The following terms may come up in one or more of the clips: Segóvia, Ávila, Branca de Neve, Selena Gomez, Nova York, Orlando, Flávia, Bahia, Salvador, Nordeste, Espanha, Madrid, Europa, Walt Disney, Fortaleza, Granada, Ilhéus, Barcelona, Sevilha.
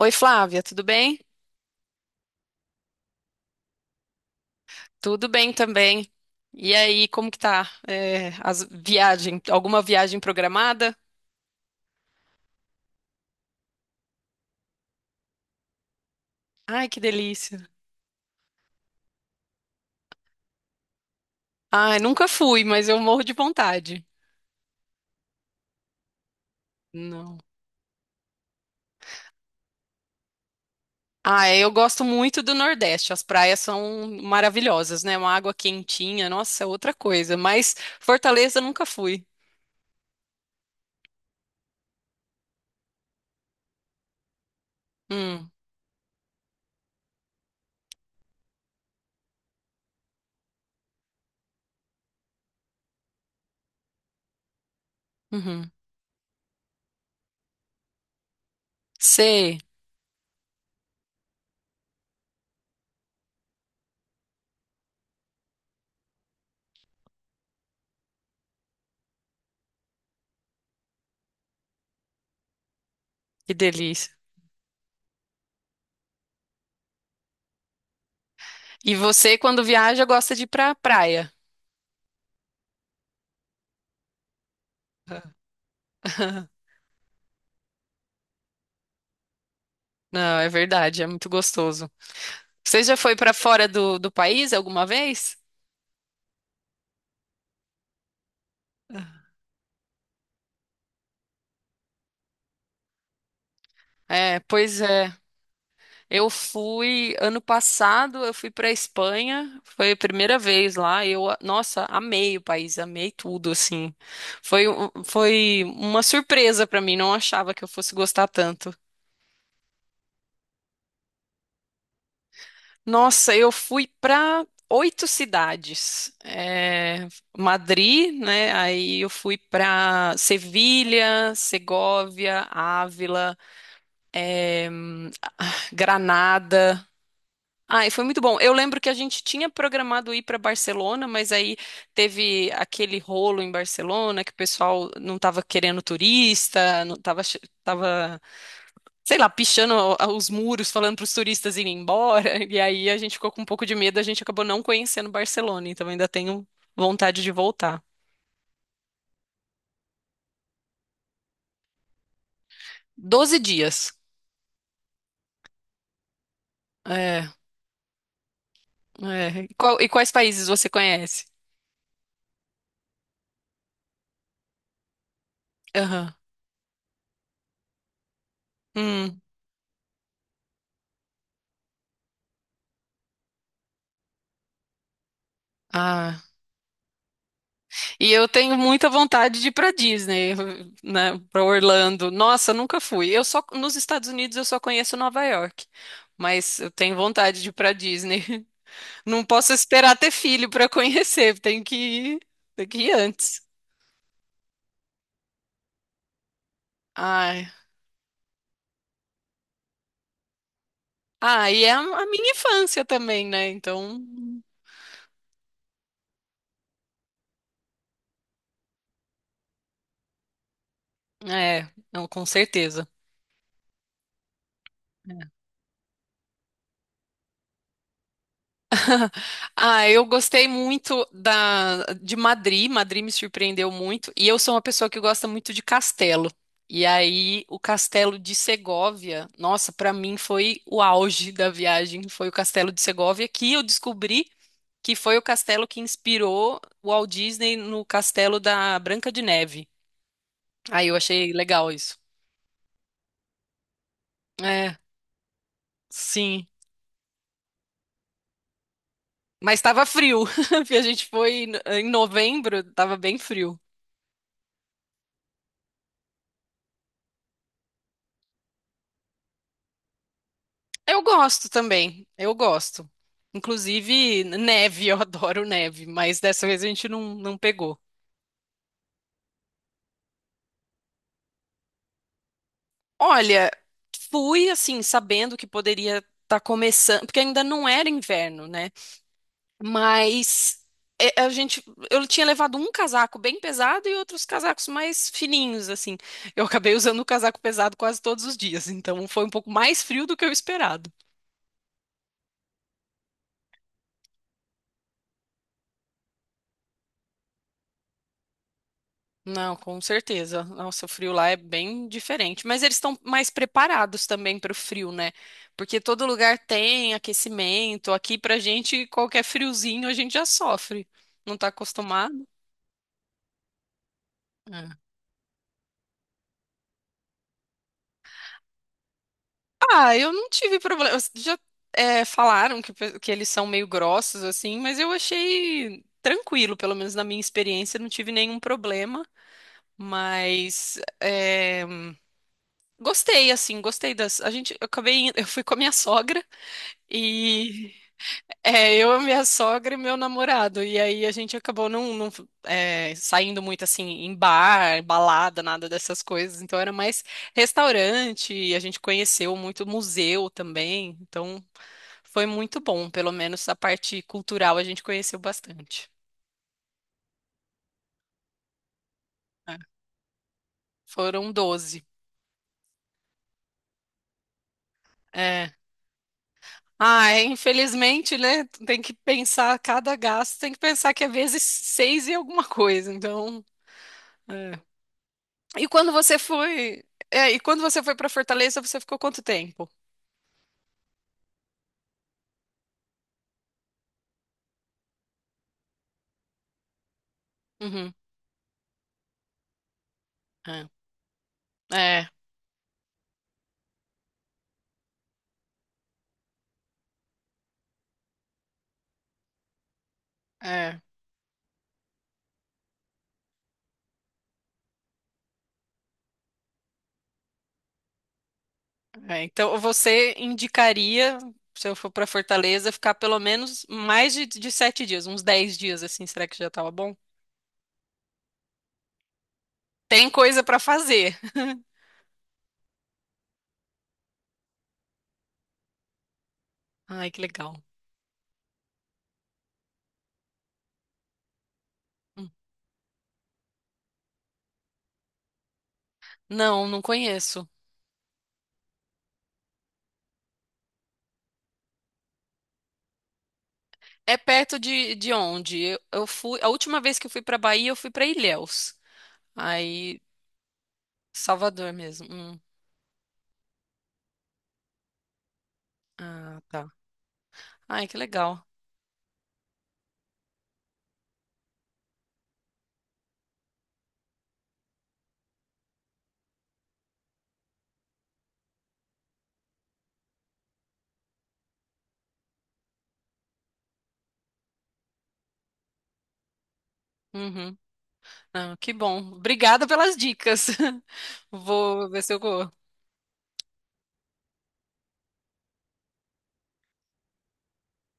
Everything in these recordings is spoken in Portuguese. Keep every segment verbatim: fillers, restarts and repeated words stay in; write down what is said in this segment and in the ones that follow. Oi, Flávia, tudo bem? Tudo bem também. E aí, como que tá? É, as viagem, alguma viagem programada? Ai, que delícia. Ai, nunca fui, mas eu morro de vontade. Não. Ah, eu gosto muito do Nordeste. As praias são maravilhosas, né? Uma água quentinha, nossa, é outra coisa. Mas Fortaleza nunca fui. Hum, uhum. Sei, que delícia. E você, quando viaja, gosta de ir pra praia. Não, é verdade, é muito gostoso. Você já foi para fora do, do país alguma vez? É, pois é. Eu fui ano passado, eu fui para Espanha, foi a primeira vez lá. Eu, nossa, amei o país, amei tudo assim. Foi, um- foi uma surpresa para mim, não achava que eu fosse gostar tanto. Nossa, eu fui para oito cidades. É, Madrid, né? Aí eu fui para Sevilha, Segóvia, Ávila, Granada. Ai, foi muito bom. Eu lembro que a gente tinha programado ir para Barcelona, mas aí teve aquele rolo em Barcelona que o pessoal não estava querendo turista, não estava, tava, ach- tava, sei lá, pichando a- os muros, falando para os turistas irem embora. E aí a gente ficou com um pouco de medo, a gente acabou não conhecendo Barcelona, então ainda tenho vontade de voltar. Doze dias. É, é. E, qual- e quais países você conhece? Aham. Hum. Ah. E eu tenho muita vontade de ir para Disney, né, para Orlando. Nossa, nunca fui. Eu só nos Estados Unidos eu só conheço Nova York, mas eu tenho vontade de ir para Disney. Não posso esperar ter filho para conhecer, tenho que ir, tenho que ir antes. Ai. Ah, e é a a minha infância também, né? Então, é, não, com certeza. Ah, eu gostei muito da, de Madrid. Madrid me surpreendeu muito. E eu sou uma pessoa que gosta muito de castelo. E aí, o castelo de Segóvia, nossa, pra mim foi o auge da viagem. Foi o castelo de Segóvia que eu descobri que foi o castelo que inspirou o Walt Disney no castelo da Branca de Neve. Aí eu achei legal isso. É, sim. Mas estava frio. A gente foi em em novembro, estava bem frio. Eu gosto também, eu gosto. Inclusive, neve, eu adoro neve, mas dessa vez a gente não, não pegou. Olha, fui assim, sabendo que poderia estar começando, porque ainda não era inverno, né? Mas é, a gente, eu tinha levado um casaco bem pesado e outros casacos mais fininhos, assim. Eu acabei usando o casaco pesado quase todos os dias, então foi um pouco mais frio do que eu esperava. Não, com certeza. Nossa, o frio lá é bem diferente. Mas eles estão mais preparados também para o frio, né? Porque todo lugar tem aquecimento. Aqui, pra gente, qualquer friozinho a gente já sofre. Não tá acostumado? É. Ah, eu não tive problema. Já é, falaram que, pe- que eles são meio grossos, assim, mas eu achei tranquilo, pelo menos na minha experiência, não tive nenhum problema. Mas é, gostei, assim, gostei das. A gente, eu acabei, indo- eu fui com a minha sogra. E é, eu, minha sogra e meu namorado. E aí a gente acabou não, não, é, saindo muito assim em bar, balada, nada dessas coisas. Então era mais restaurante, e a gente conheceu muito museu também. Então foi muito bom, pelo menos a parte cultural a gente conheceu bastante. É, Foram doze. É. Ah, é, infelizmente, né? Tem que pensar cada gasto, tem que pensar que é vezes seis e alguma coisa. Então. É. E quando você foi, é, e quando você foi para Fortaleza, você ficou quanto tempo? Uhum. É, é, é, é. Então você indicaria, se eu for para Fortaleza, ficar pelo menos mais de, de sete dias, uns dez dias assim, será que já tava bom? Tem coisa para fazer. Ai, que legal. Hum. Não, não conheço. É perto de, de onde? Eu, eu fui, a última vez que eu fui para Bahia, eu fui para Ilhéus. Aí, Salvador mesmo. Hum. Ah, tá. Ai, que legal. Uhum. Ah, que bom. Obrigada pelas dicas. Vou ver se eu vou.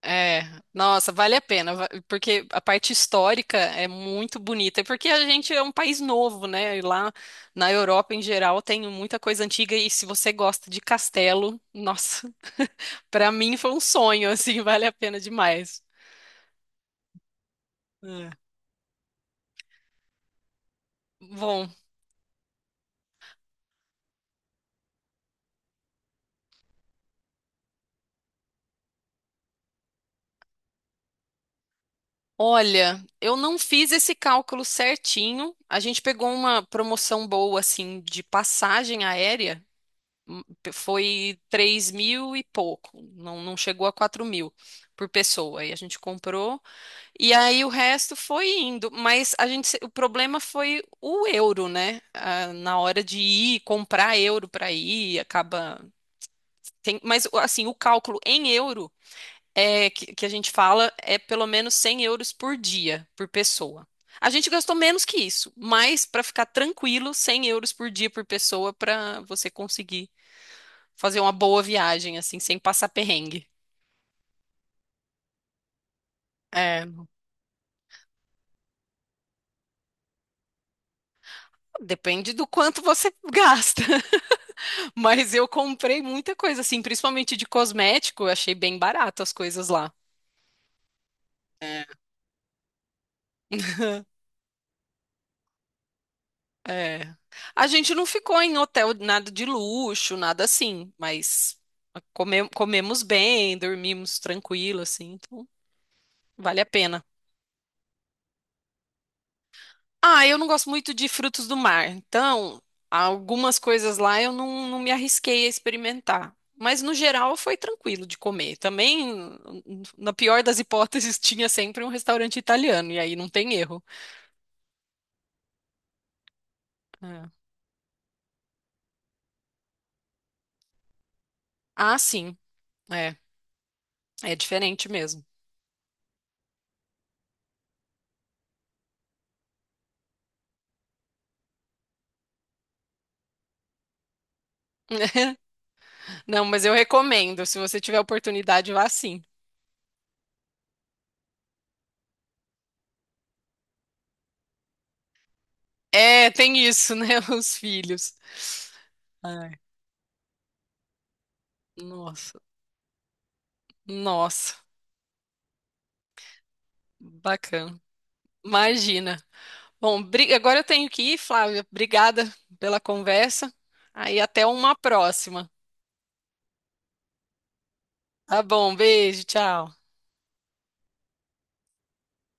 É, nossa, vale a pena, va- porque a parte histórica é muito bonita, porque a gente é um país novo, né? E lá na Europa, em geral, tem muita coisa antiga, e se você gosta de castelo, nossa, pra mim foi um sonho, assim, vale a pena demais. É. Bom, olha, eu não fiz esse cálculo certinho. A gente pegou uma promoção boa, assim, de passagem aérea. Foi três mil e pouco, não, não chegou a quatro mil por pessoa. E a gente comprou, e aí o resto foi indo. Mas a gente, se- o problema foi o euro, né? Ah, na hora de ir, comprar euro para ir, acaba. Tem, mas assim, o cálculo em euro é que, que a gente fala é pelo menos cem euros por dia, por pessoa. A gente gastou menos que isso, mas para ficar tranquilo, cem euros por dia por pessoa para você conseguir fazer uma boa viagem, assim, sem passar perrengue. É, depende do quanto você gasta, mas eu comprei muita coisa, assim, principalmente de cosmético, eu achei bem barato as coisas lá. É. É. A gente não ficou em hotel, nada de luxo, nada assim, mas come- comemos bem, dormimos tranquilo, assim, então vale a pena. Ah, eu não gosto muito de frutos do mar, então algumas coisas lá eu não, não me arrisquei a experimentar. Mas no geral foi tranquilo de comer. Também, na pior das hipóteses, tinha sempre um restaurante italiano, e aí não tem erro. É. Ah, sim, é. É diferente mesmo. Não, mas eu recomendo. Se você tiver oportunidade, vá sim. É, tem isso, né? Os filhos. Ai, nossa, nossa, bacana. Imagina. Bom, bri- agora eu tenho que ir, Flávia. Obrigada pela conversa. Aí até uma próxima. Tá bom, beijo, tchau.